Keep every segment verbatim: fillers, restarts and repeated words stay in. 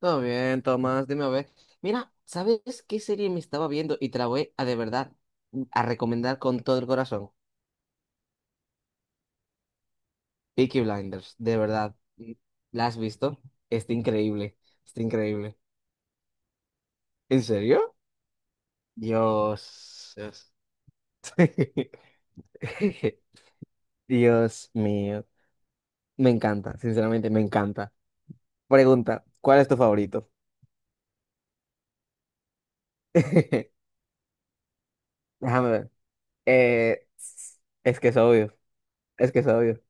Todo bien, Tomás, dime a ver. Mira, ¿sabes qué serie me estaba viendo? Y te la voy a de verdad mm, a recomendar con todo el corazón. Peaky Blinders, de verdad. Mm, ¿La has visto? Está increíble, está increíble. ¿En serio? Dios. Dios. Dios mío. Me encanta, sinceramente me encanta. Pregunta, ¿cuál es tu favorito? Déjame ver. Eh, es que es obvio, es que es obvio.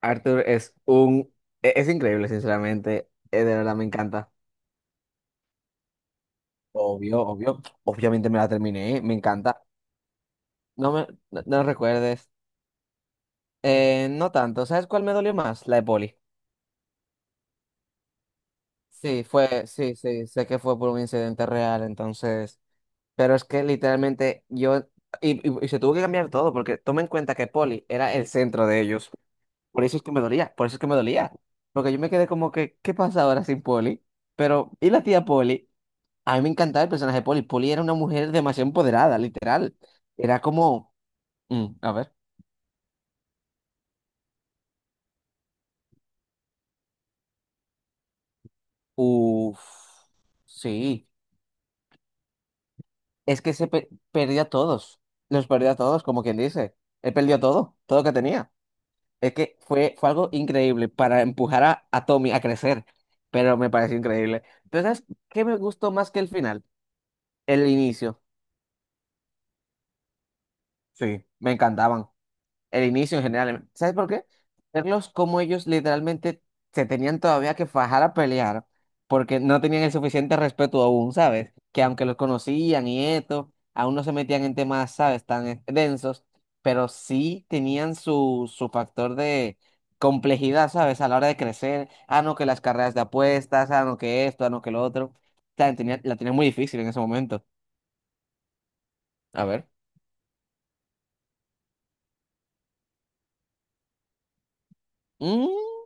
Arthur es un. e- Es increíble, sinceramente. Eh, De verdad me encanta. Obvio, obvio. Obviamente me la terminé, me encanta. No me no, no recuerdes. Eh, no tanto. ¿Sabes cuál me dolió más? La de Poli. Sí, fue, sí, sí, sé que fue por un incidente real, entonces. Pero es que literalmente yo. Y, y- y se tuvo que cambiar todo, porque toma en cuenta que Poli era el centro de ellos. Por eso es que me dolía, por eso es que me dolía. Porque yo me quedé como que, ¿qué pasa ahora sin Poli? Pero, ¿y la tía Poli? A mí me encantaba el personaje de Polly. Polly era una mujer demasiado empoderada, literal. Era como, mm, a ver, uff, sí, es que se pe- perdió a todos, los perdió a todos, como quien dice. Él perdió todo, todo que tenía. Es que fue, fue algo increíble para empujar a, a Tommy a crecer, pero me pareció increíble. Pero ¿sabes qué me gustó más que el final? El inicio. Sí, me encantaban. El inicio en general. ¿Sabes por qué? Verlos como ellos literalmente se tenían todavía que fajar a pelear porque no tenían el suficiente respeto aún, ¿sabes? Que aunque los conocían y esto, aún no se metían en temas, ¿sabes? Tan e, densos, pero sí tenían su, su factor de complejidad, ¿sabes? A la hora de crecer. Ah, no, que las carreras de apuestas, ah, no, que esto, ah, no, que lo otro. O sea, tenía- la tenían muy difícil en ese momento. A ver. Mm,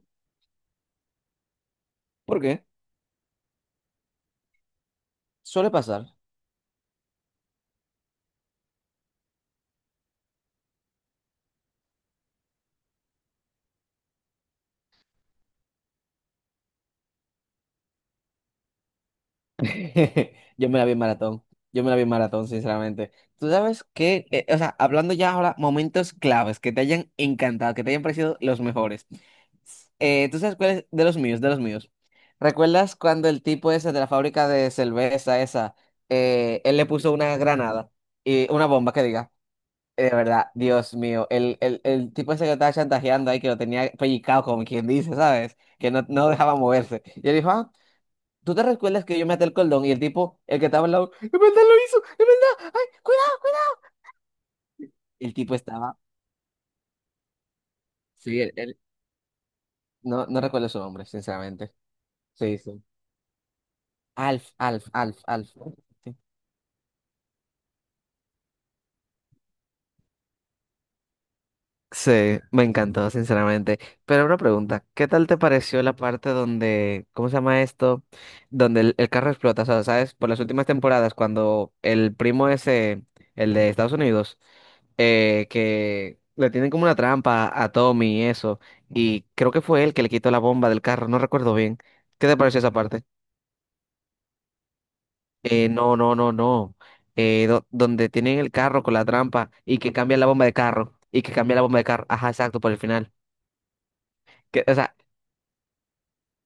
¿por qué? Suele pasar. Yo me la vi en maratón. Yo me la vi en maratón, sinceramente. Tú sabes que, eh, o sea, hablando ya ahora, momentos claves que te hayan encantado, que te hayan parecido los mejores. Eh, ¿tú sabes cuál es? De los míos, de los míos. ¿Recuerdas cuando el tipo ese de la fábrica de cerveza esa, eh, él le puso una granada y una bomba que diga? Eh, De verdad, Dios mío, el, el, el tipo ese que lo estaba chantajeando ahí, que lo tenía pellizcado, como quien dice, ¿sabes? Que no, no dejaba moverse. Y él dijo, ah, ¿tú te recuerdas que yo me até el cordón y el tipo, el que estaba al lado, en verdad lo hizo, en verdad, ay, cuidado, cuidado. El tipo estaba, sí, él, él- no, no recuerdo su nombre, sinceramente. Sí, sí. Alf, Alf, Alf, Alf. Sí. Sí, me encantó, sinceramente. Pero una pregunta, ¿qué tal te pareció la parte donde, ¿cómo se llama esto? Donde el, el carro explota, o sea, ¿sabes? Por las últimas temporadas, cuando el primo ese, el de Estados Unidos, eh, que le tienen como una trampa a Tommy y eso. Y creo que fue él que le quitó la bomba del carro, no recuerdo bien. ¿Qué te pareció esa parte? Eh, no, no, no, no. Eh, do- donde tienen el carro con la trampa y que cambian la bomba de carro y que cambian la bomba de carro. Ajá, exacto, por el final. Que, o sea,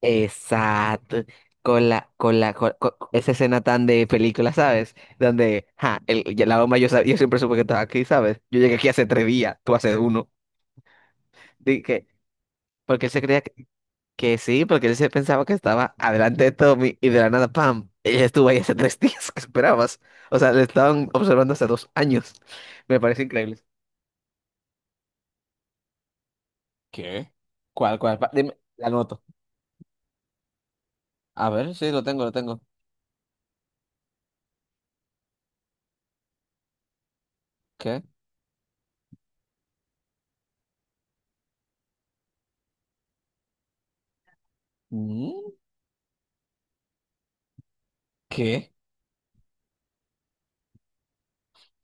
exacto. Con la, con la, con, con esa escena tan de película, ¿sabes? Donde, ja, el- ya la bomba yo, sab- yo siempre supe que estaba aquí, ¿sabes? Yo llegué aquí hace tres días, tú hace uno. Dije, porque él se creía que. Que sí, porque él se pensaba que estaba adelante de Tommy y de la nada, ¡pam! Ella estuvo ahí hace tres días que esperabas. O sea, le estaban observando hace dos años. Me parece increíble. ¿Qué? ¿Cuál, cuál? Pa- Dime, la anoto. A ver, sí, lo tengo, lo tengo. ¿Qué? Mm, ¿Qué?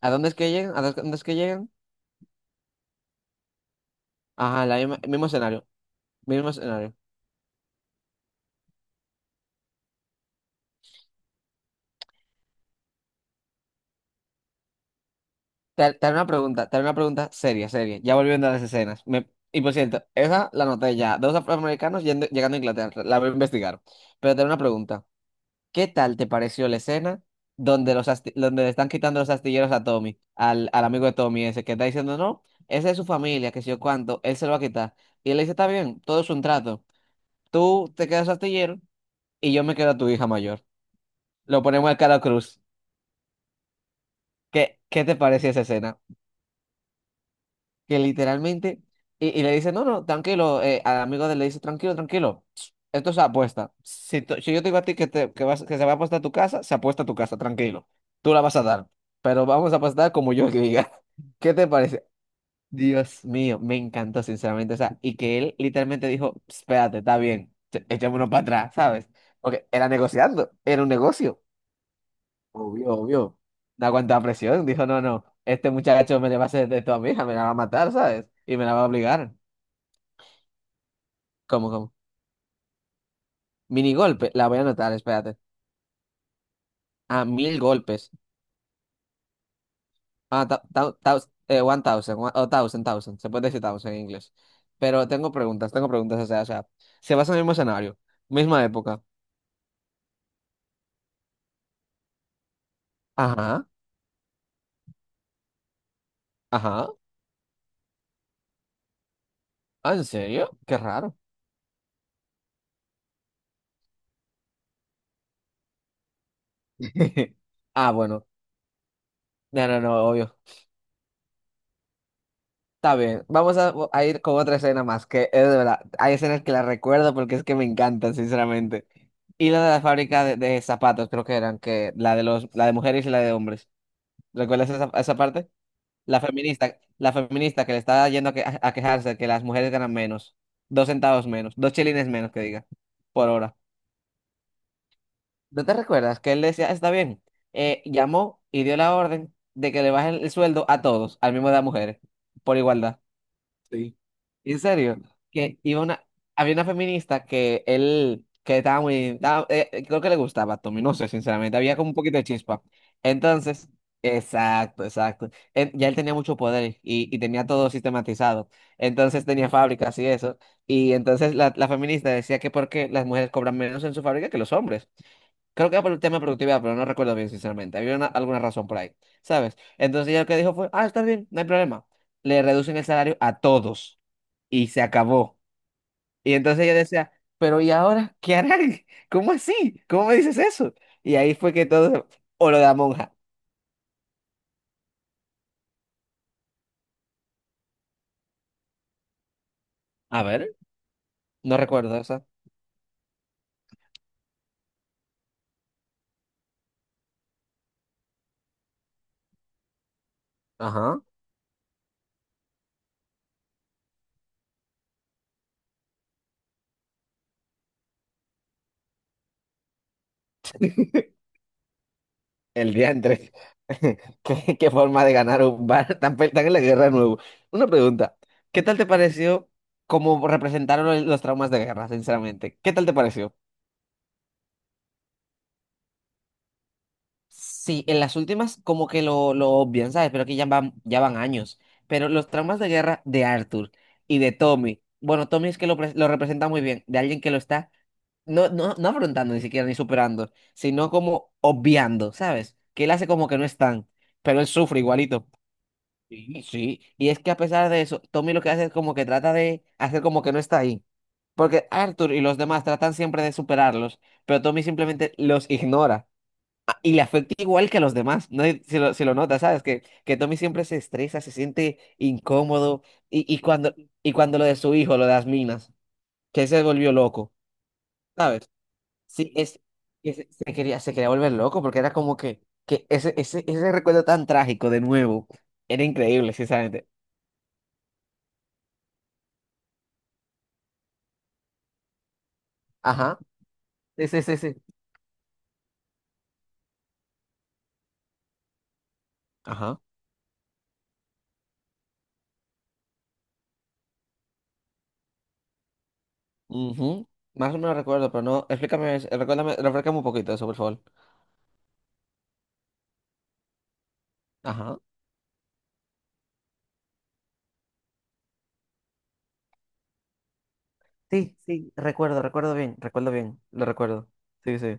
¿A dónde es que llegan? ¿A dónde es que llegan? Ajá, la misma- mismo escenario, mismo escenario. Te, te haré una pregunta, te haré una pregunta seria, seria. Ya volviendo a las escenas. Me, y por cierto, esa la anoté ya. Dos afroamericanos yendo- llegando a Inglaterra. La voy a investigar. Pero te haré una pregunta. ¿Qué tal te pareció la escena donde, los asti- donde le están quitando los astilleros a Tommy, al, al amigo de Tommy ese, que está diciendo, no, esa es su familia, que si yo cuánto, él se lo va a quitar. Y él le dice, está bien, todo es un trato. Tú te quedas astillero y yo me quedo a tu hija mayor. Lo ponemos al cara cruz. ¿Qué, qué te pareció esa escena? Que literalmente, y, y le dice, no, no, tranquilo, eh, al amigo de él le dice, tranquilo, tranquilo, esto es apuesta. Si, to- si yo te digo a ti que, te- que, vas, que se va a apostar a tu casa, se apuesta a tu casa, tranquilo, tú la vas a dar, pero vamos a apostar como yo diga. ¿Qué te parece? Dios mío, me encantó, sinceramente, o sea, y que él literalmente dijo, espérate, está bien, echémonos para atrás, ¿sabes? Porque era negociando, era un negocio. Obvio, obvio. Da cuánta presión. Dijo, no, no, este muchacho me le va a hacer esto a mi hija, me la va a matar, ¿sabes? Y me la va a obligar. ¿Cómo, cómo? Mini golpe, la voy a anotar, espérate. Ah, mil golpes. Ah, ta- ta- taus- eh, one thousand, one- o thousand, thousand. Se puede decir thousand en inglés. Pero tengo preguntas, tengo preguntas, o sea, o sea, se basa en el mismo escenario, misma época. Ajá, ajá. Ah, ¿en serio? Qué raro. Ah, bueno. No, no, no, obvio. Está bien, vamos a, a ir con otra escena más, que es de verdad, hay escenas que las recuerdo porque es que me encantan, sinceramente. Y la de la fábrica de, de zapatos, creo que eran, que la de los, la de mujeres y la de hombres. ¿Recuerdas esa, esa parte? La feminista, la feminista que le estaba yendo a, que- a quejarse que las mujeres ganan menos, dos centavos menos, dos chelines menos que diga, por hora. ¿No te recuerdas que él decía, "Ah, está bien? Eh, llamó y dio la orden de que le bajen el sueldo a todos, al mismo de las mujeres, por igualdad. Sí. En serio, que iba una, había una feminista que él, que estaba muy, estaba- eh, eh, creo que le gustaba Tommy, no sé, sinceramente, había como un poquito de chispa. Entonces, exacto, exacto. Él- ya él tenía mucho poder y, y tenía todo sistematizado. Entonces tenía fábricas y eso. Y entonces la, la feminista decía que porque las mujeres cobran menos en su fábrica que los hombres. Creo que era por el tema de productividad, pero no recuerdo bien, sinceramente. Había una- alguna razón por ahí, ¿sabes? Entonces ella lo que dijo fue, ah, está bien, no hay problema. Le reducen el salario a todos y se acabó. Y entonces ella decía, pero ¿y ahora qué harán? ¿Cómo así? ¿Cómo me dices eso? Y ahí fue que todo, o lo de la monja. A ver. No recuerdo eso. Ajá. El diantre. ¿Qué, qué forma de ganar un bar? Tan, pe- tan en la guerra de nuevo. Una pregunta. ¿Qué tal te pareció cómo representaron los traumas de guerra, sinceramente? ¿Qué tal te pareció? Sí, en las últimas como que lo, lo obvian, ¿sabes? Pero que ya van, ya van años. Pero los traumas de guerra de Arthur y de Tommy, bueno, Tommy es que lo, pre- lo representa muy bien, de alguien que lo está no, no, no afrontando ni siquiera ni superando, sino como obviando, ¿sabes? Que él hace como que no están, pero él sufre igualito. Sí, sí. Y es que a pesar de eso, Tommy lo que hace es como que trata de hacer como que no está ahí. Porque Arthur y los demás tratan siempre de superarlos, pero Tommy simplemente los ignora. Ah, y le afecta igual que a los demás, ¿no? Y Se lo, se lo nota, ¿sabes? Que, que Tommy siempre se estresa, se siente incómodo. Y, y, cuando, y cuando lo de su hijo, lo de las minas, que se volvió loco, ¿sabes? Sí, es, que se se quería, se quería volver loco porque era como que, que ese, ese, ese recuerdo tan trágico de nuevo era increíble, sinceramente. Ajá, sí, sí, sí, sí. Ajá. Ujú. Más o menos recuerdo, pero no, explícame, recuérdame, refrescame un poquito eso, por favor. Ajá. Sí, sí, recuerdo, recuerdo bien, recuerdo bien, lo recuerdo. Sí, sí.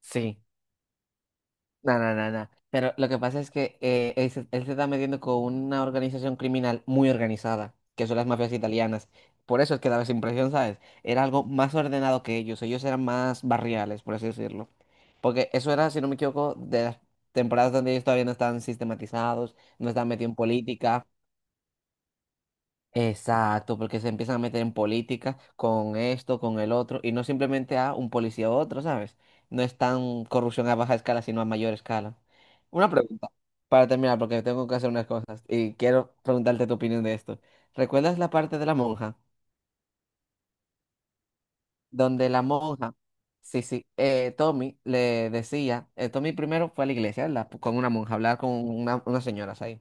Sí. No, no, no, no. Pero lo que pasa es que eh, él, se, él se está metiendo con una organización criminal muy organizada, que son las mafias italianas. Por eso es que daba esa impresión, ¿sabes? Era algo más ordenado que ellos. Ellos eran más barriales, por así decirlo. Porque eso era, si no me equivoco, de las temporadas donde ellos todavía no estaban sistematizados, no estaban metidos en política. Exacto, porque se empiezan a meter en política con esto, con el otro, y no simplemente a un policía u otro, ¿sabes? No es tan corrupción a baja escala, sino a mayor escala. Una pregunta, para terminar, porque tengo que hacer unas cosas y quiero preguntarte tu opinión de esto. ¿Recuerdas la parte de la monja? donde la monja, sí, sí, eh, Tommy le decía, eh, Tommy primero fue a la iglesia, ¿verdad? Pu- Con una monja, a hablar con una- unas señoras ahí.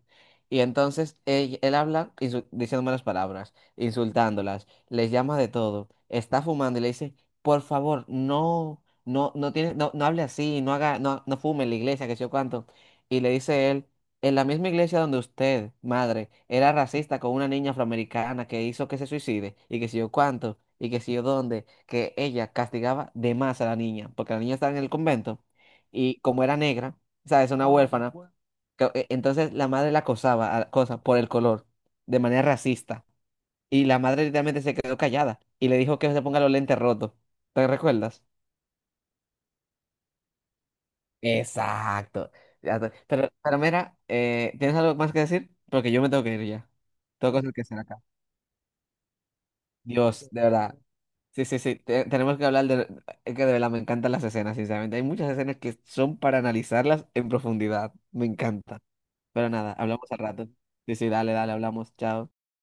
Y entonces él, él habla insu- diciendo malas palabras, insultándolas, les llama de todo, está fumando y le dice, por favor, no, no, no tiene, no, no hable así, no haga, no, no fume en la iglesia, que sé yo cuánto. Y le dice él, en la misma iglesia donde usted, madre, era racista con una niña afroamericana que hizo que se suicide, y que sé yo cuánto, y que sé yo dónde que ella castigaba de más a la niña, porque la niña estaba en el convento y como era negra, sabes, una Ah, huérfana, bueno. que- e- entonces la madre la acosaba a- cosa, por el color, de manera racista, y la madre literalmente se quedó callada y le dijo que se ponga los lentes rotos. ¿Te recuerdas? Exacto. Ya te- Pero, pero mira, eh, ¿tienes algo más que decir? Porque yo me tengo que ir ya. Tengo cosas que hacer acá. Dios, de verdad. Sí, sí, sí, te- tenemos que hablar de. Es que de verdad me encantan las escenas, sinceramente. Hay muchas escenas que son para analizarlas en profundidad. Me encanta. Pero nada, hablamos al rato. Sí, sí, dale, dale, hablamos. Chao.